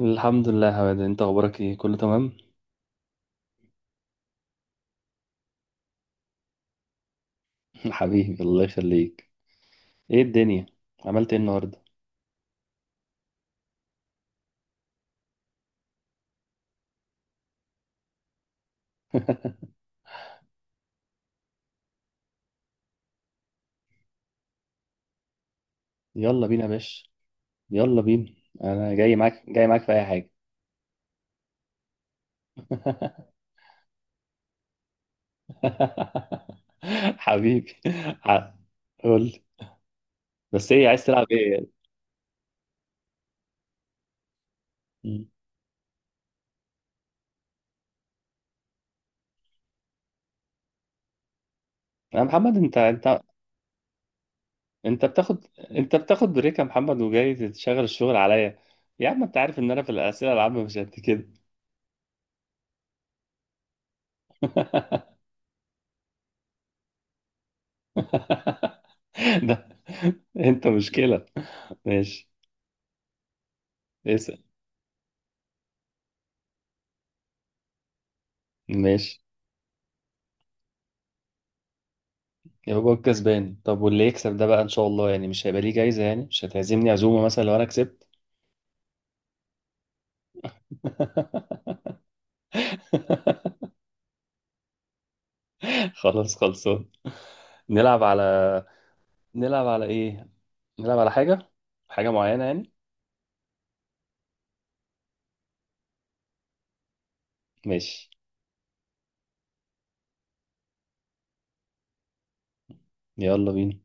الحمد لله يا هواد، انت اخبارك ايه؟ كله تمام. حبيبي، الله يخليك. ايه الدنيا؟ عملت ايه النهارده؟ يلا بينا يا باشا. يلا بينا، انا جاي معاك، جاي معاك في اي حاجه. حبيبي. ع- قول لي. بس ايه؟ عايز تلعب ايه؟ مم. يا محمد، انت انت بتاخد، انت بتاخد بريك يا محمد وجاي تشغل الشغل عليا؟ يا عم، انت عارف ان انا في الاسئله العامه مش قد كده. ده انت مشكله. ماشي، اسال. ماشي، يبقى هو الكسبان. طب واللي يكسب ده بقى، ان شاء الله يعني مش هيبقى ليه جايزة؟ يعني مش هتعزمني عزومة مثلا لو انا كسبت؟ خلاص، خلصان. نلعب على، نلعب على ايه؟ نلعب على حاجة، حاجة معينة يعني. ماشي، يلا بينا.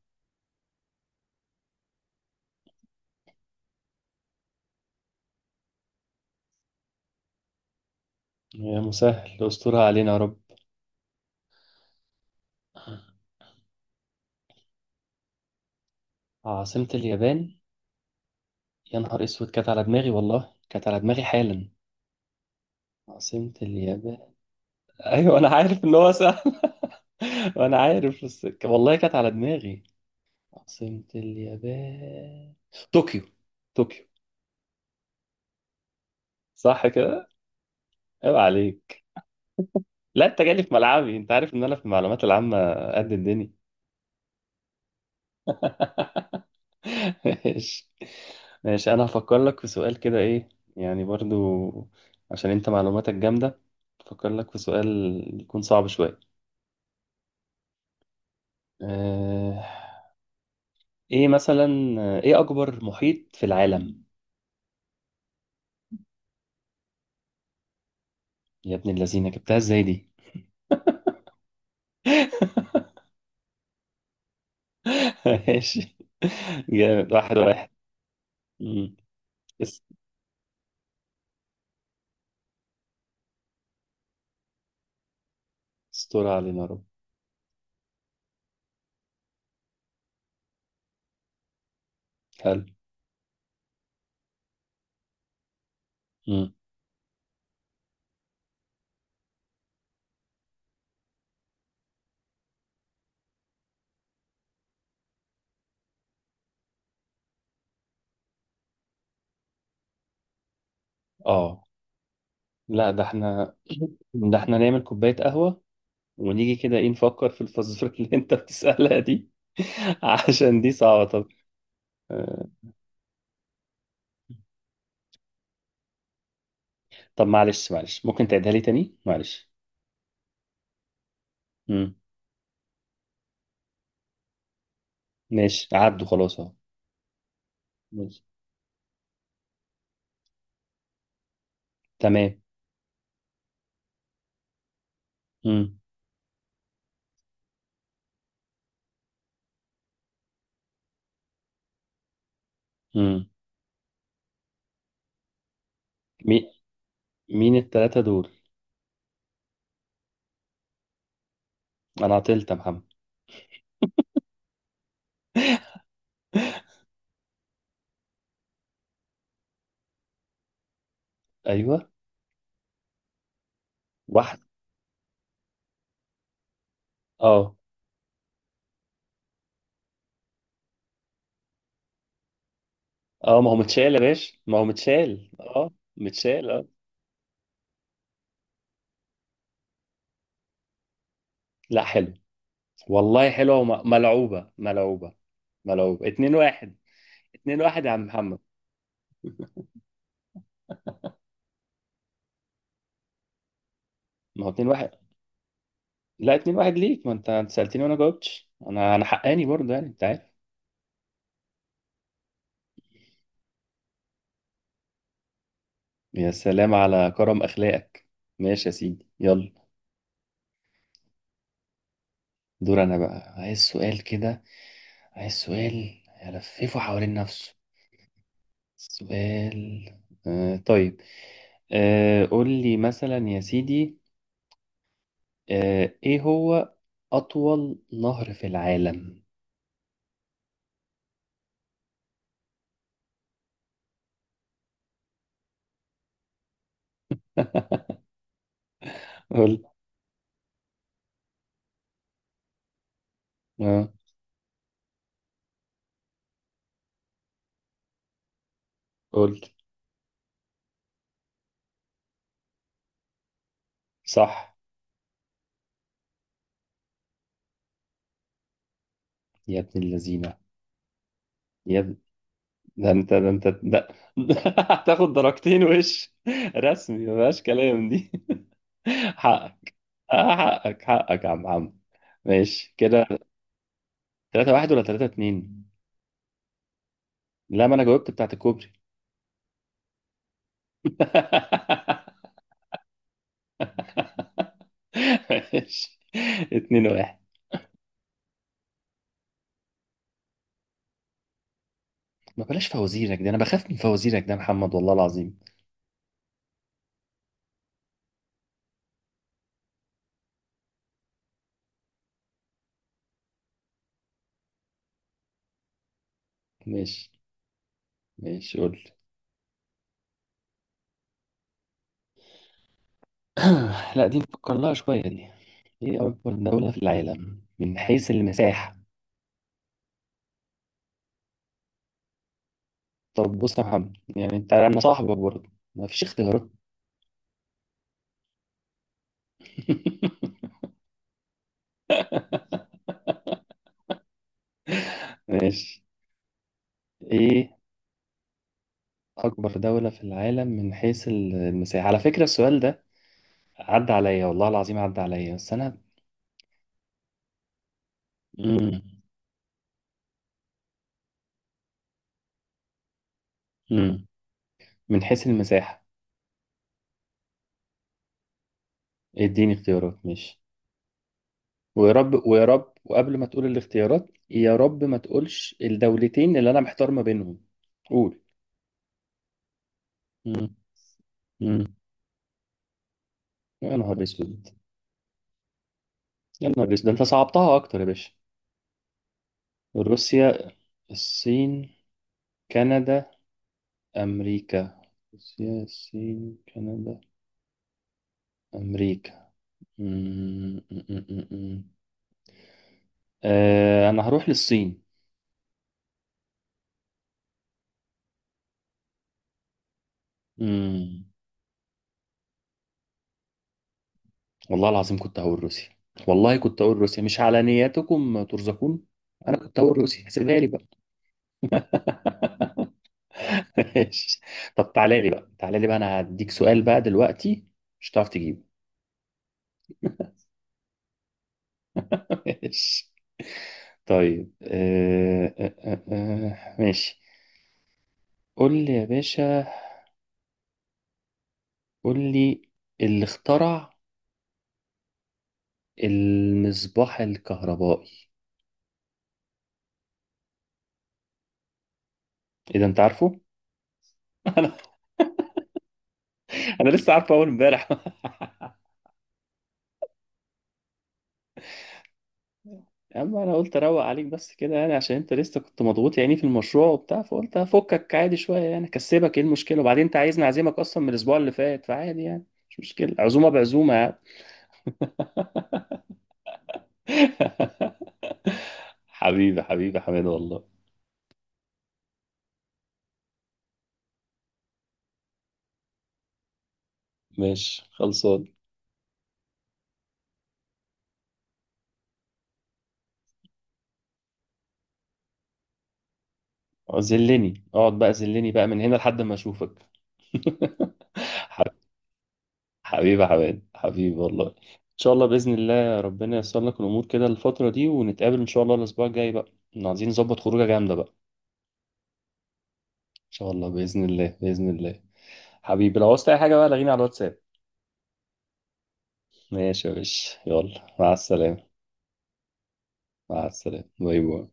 يا مسهل، استرها علينا يا رب. عاصمة اليابان؟ يا نهار اسود، كانت على دماغي، والله كانت على دماغي حالا. عاصمة اليابان. ايوه، انا عارف ان هو سهل. وانا عارف، بس والله كانت على دماغي. عاصمة اليابان طوكيو. طوكيو. صح كده؟ عيب عليك. لا، انت جالي في ملعبي، انت عارف ان انا في المعلومات العامة قد الدنيا. ماشي، ماشي، انا هفكر لك في سؤال كده، ايه يعني، برضو عشان انت معلوماتك جامدة. هفكر لك في سؤال يكون صعب شوية. اه... ايه مثلا؟ ايه اكبر محيط في العالم؟ يا ابن اللذينة، جبتها ازاي دي؟ ماشي، جامد، واحد واحد. مم. اس- استر علينا يا رب. حلو. مم. اه. لا، ده احنا ده احنا نعمل كوباية قهوة ونيجي كده ايه، نفكر في الفزورة اللي انت بتسألها دي. عشان دي صعبة. طب، آه، طب معلش، معلش، ممكن تعيدها لي تاني، معلش؟ مم. ماشي، عدوا خلاص اهو. ماشي. تمام. مم. مم. مي... مين التلاتة دول؟ انا عطلت يا محمد. ايوه. واحد. اه. اه، ما هو متشال يا باشا، ما هو متشال، اه. متشال، اه. لا حلو، والله حلوة وملعوبة، ملعوبة، ملعوبة. اتنين واحد. 2-1 يا عم محمد. ما هو 2-1. لا، 2-1 ليك، ما انت، انت سألتني وانا جاوبتش، انا انا حقاني برضه يعني، انت عارف. يا سلام على كرم اخلاقك. ماشي يا سيدي، يلا. دور انا بقى، عايز سؤال كده، عايز سؤال يلففه حوالين نفسه. سؤال. آه، طيب. آه، قول لي مثلا يا سيدي. آه، ايه هو اطول نهر في العالم؟ قول. آه، قول. صح. يا ابن اللذينة. يا، ده انت، ده انت ده. هتاخد درجتين؟ وش رسمي، مفيهاش كلام دي. حقك. آه، حقك، حقك يا عم عم. ماشي كده. 3-1 ولا 3-2؟ لا، ما انا جاوبت بتاعت الكوبري. ماشي، 2-1. ما بلاش فوازيرك دي، انا بخاف من فوازيرك ده يا محمد، والله العظيم. ماشي. ماشي، قول. لا، دي نفكر لها شوية دي. ايه اكبر دولة في العالم من حيث المساحة؟ طب بص يا محمد، يعني انت انا صاحبك برضه. مفيش اختيارات؟ ماشي. ايه اكبر دولة في العالم من حيث المساحة؟ على فكرة، السؤال ده عدى عليا، والله العظيم عدى عليا، بس انا. مم. مم. من حيث المساحة. اديني اختيارات، ماشي. ويا رب، ويا رب، وقبل ما تقول الاختيارات، يا رب ما تقولش الدولتين اللي انا محتار ما بينهم. قول. مم. مم. يا نهار اسود، يا نهار اسود، ده انت صعبتها اكتر يا باشا. روسيا، الصين، كندا، أمريكا. روسيا، الصين، كندا، أمريكا. مم، مم، مم، مم. مم. آه، أنا هروح للصين. مم. والله العظيم كنت هقول روسيا. والله كنت هقول روسيا، مش على نياتكم ترزقون. أنا كنت هقول روسيا، سيبها لي بقى. ماشي. طب تعالى لي بقى، تعالى لي بقى، أنا هديك سؤال بقى دلوقتي مش هتعرف تجيبه. ماشي. طيب، ماشي. قول لي يا باشا، قول لي. اللي اخترع المصباح الكهربائي، اذا انت عارفه. انا، انا لسه عارفه اول امبارح. اما انا قلت اروق عليك بس كده يعني، عشان انت لسه كنت مضغوط يعني في المشروع وبتاع، فقلت افكك عادي شويه يعني، اكسبك ايه المشكله؟ وبعدين انت عايزني اعزمك اصلا من الاسبوع اللي فات، فعادي يعني، مش مشكله، عزومه بعزومه يعني. حبيبي، حبيبي حماد والله. ماشي، خلصان. زلني اقعد بقى، زلني بقى من هنا لحد ما اشوفك. حبيبي يا حماد، حبيبي والله. ان شاء الله باذن الله ربنا ييسر لك الامور كده الفتره دي، ونتقابل ان شاء الله الاسبوع الجاي بقى. إحنا عايزين نظبط خروجه جامده بقى ان شاء الله، باذن الله، باذن الله. حبيبي، لو عاوزت اي حاجه بقى لغيني على الواتساب. ماشي يا باشا، يلا، مع السلامه. مع السلامه، باي باي.